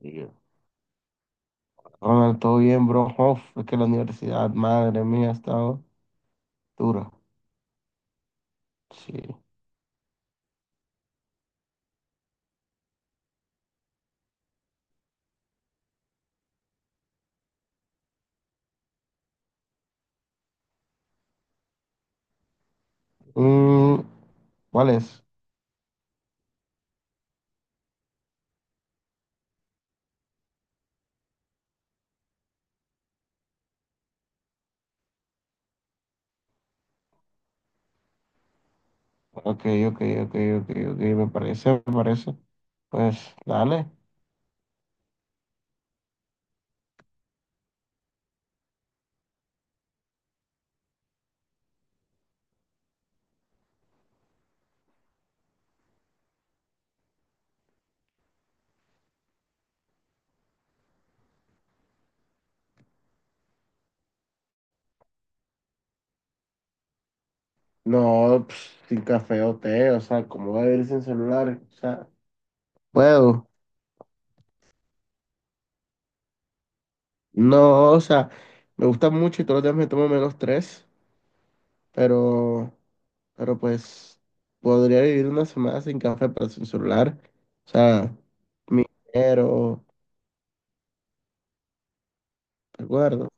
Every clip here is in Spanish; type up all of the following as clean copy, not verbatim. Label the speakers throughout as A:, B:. A: Y yo, Ronald, todo bien, bro. Uf, es que la universidad, madre mía, ha estado dura. Sí. Mm, ¿cuál es? Ok, ok, ok, ok, ok, me parece, me parece. Pues dale. No, pues, sin café o té, o sea, ¿cómo va a vivir sin celular? O sea, puedo. No, o sea, me gusta mucho y todos los días me tomo menos tres, pero, pues podría vivir una semana sin café, pero sin celular. O sea, mi dinero. ¿Acuerdo?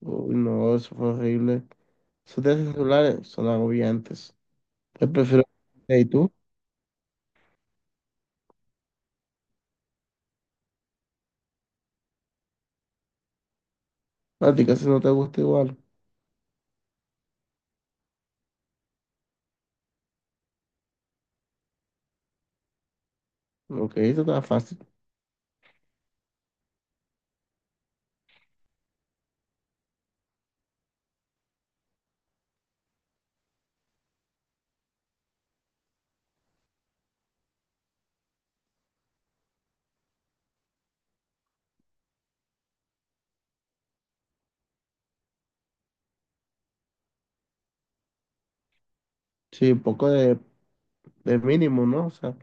A: Uy, no, eso fue horrible. Esos teléfonos celulares son agobiantes. Yo prefiero... ¿Y tú? A ti casi no te gusta igual. Ok, eso está fácil. Sí, un poco de mínimo, ¿no? O sea,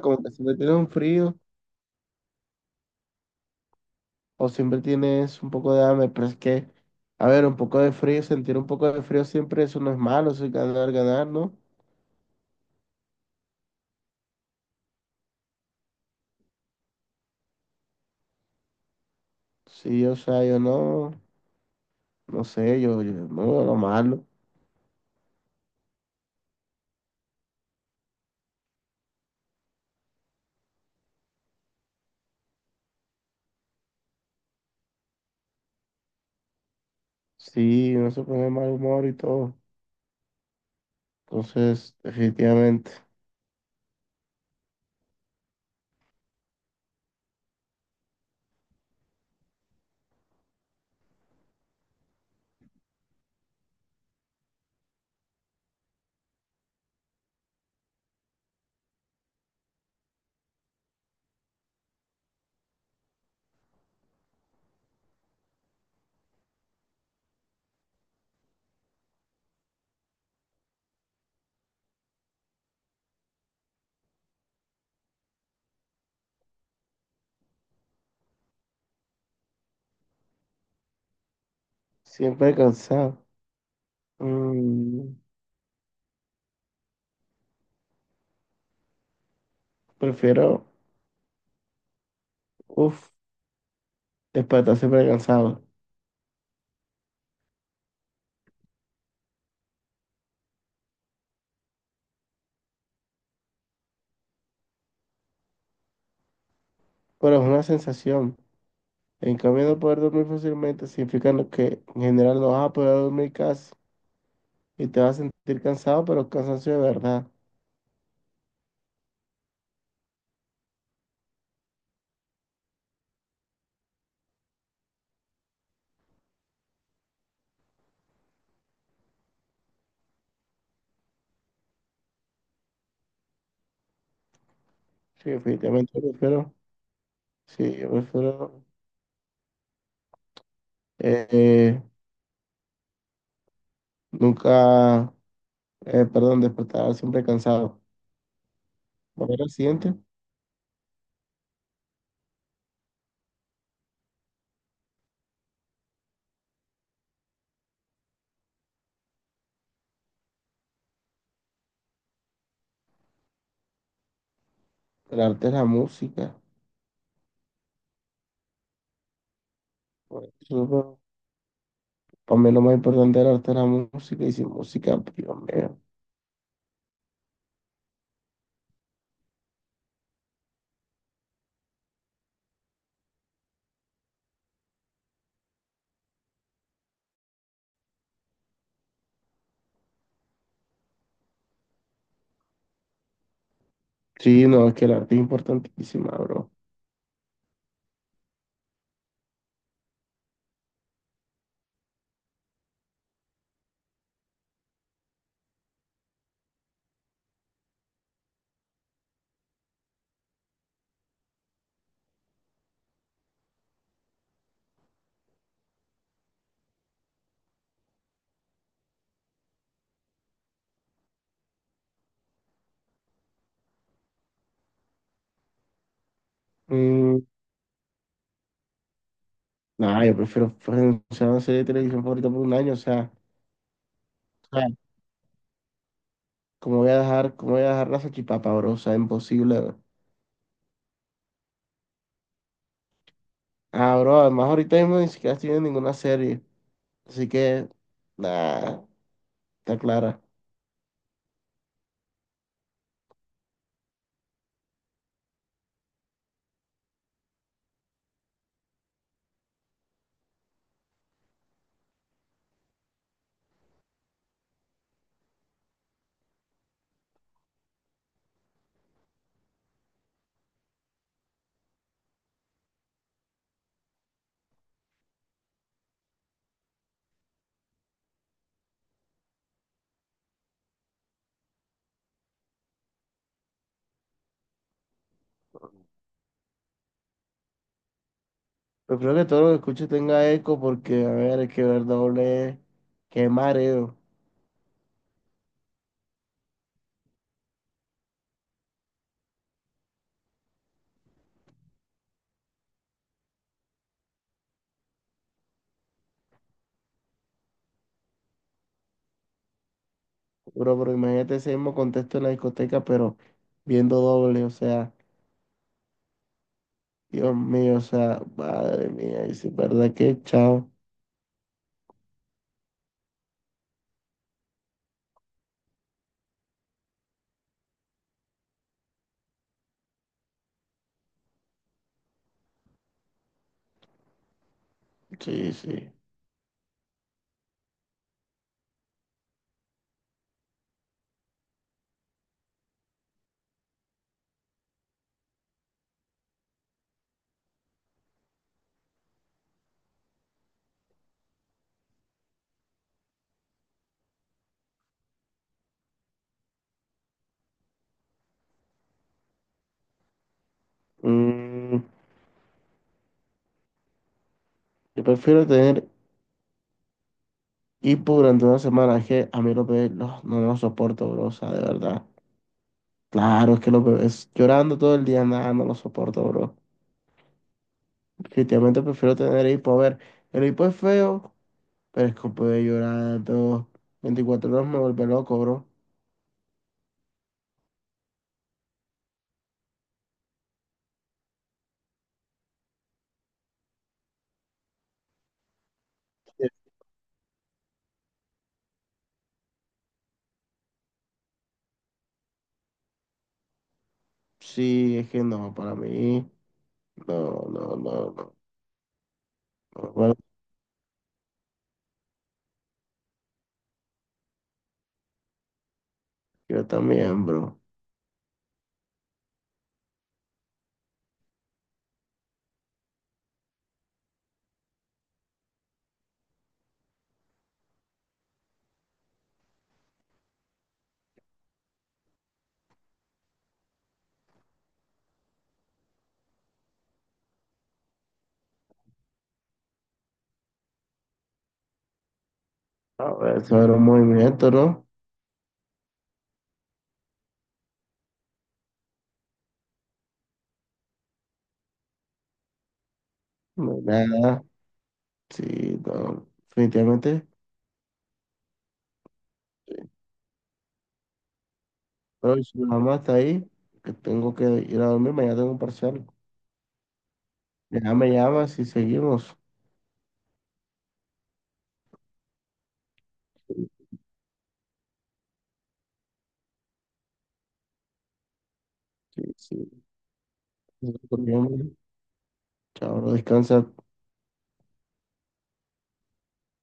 A: como que siempre tienes un frío o siempre tienes un poco de hambre, pero es que, a ver, un poco de frío, sentir un poco de frío siempre, eso no es malo, eso es ganar, ganar, ¿no? Sí, o sea, yo no, no sé, yo no veo lo malo. Sí, uno se pone mal humor y todo. Entonces, definitivamente, siempre cansado. Mm, prefiero, uff, despertar siempre cansado. Pero es una sensación. En cambio, no poder dormir fácilmente significa lo que en general no vas a poder dormir casi. Y te vas a sentir cansado, pero cansancio de verdad. Sí, definitivamente prefiero. Sí, yo prefiero eh, eh, nunca, perdón, despertar siempre cansado. Volver al siguiente, el arte de la música. Bueno, súper. Para mí lo más importante del arte es la música y sin música, pues, Dios mío. Sí, no, es que el arte es importantísima, bro. Mm, nada, yo prefiero renunciar a una serie de televisión favorita por un año, o sea, ¿cómo voy a dejar, cómo voy a dejar la salchipapa, bro? O sea, imposible, bro. Ah, bro, además ahorita mismo ni siquiera estoy viendo ninguna serie, así que, nada, está clara. Pero creo que todo lo que escuche tenga eco porque, a ver, es que ver doble, qué mareo. Bro, pero imagínate ese mismo contexto en la discoteca, pero viendo doble, o sea, Dios mío, o sea, madre mía, y si es verdad que chao. Sí, sí. Mm, yo prefiero tener hipo durante una semana, es que a mí los bebés no, no los soporto, bro, o sea, de verdad. Claro, es que los bebés llorando todo el día, nada, no los soporto, bro. Definitivamente prefiero tener hipo. A ver, el hipo es feo, pero es que puede llorar todo 24 horas me vuelve loco, bro. Sí, es que no, para mí, no, no, no, no. No, bueno, yo también, bro. A ver, eso era un movimiento, ¿no? No, nada, sí, no, definitivamente. Pero si mi mamá está ahí, que tengo que ir a dormir, mañana tengo un parcial. Ya me llamas y seguimos. Sí, sí. Chao, bro, descansa.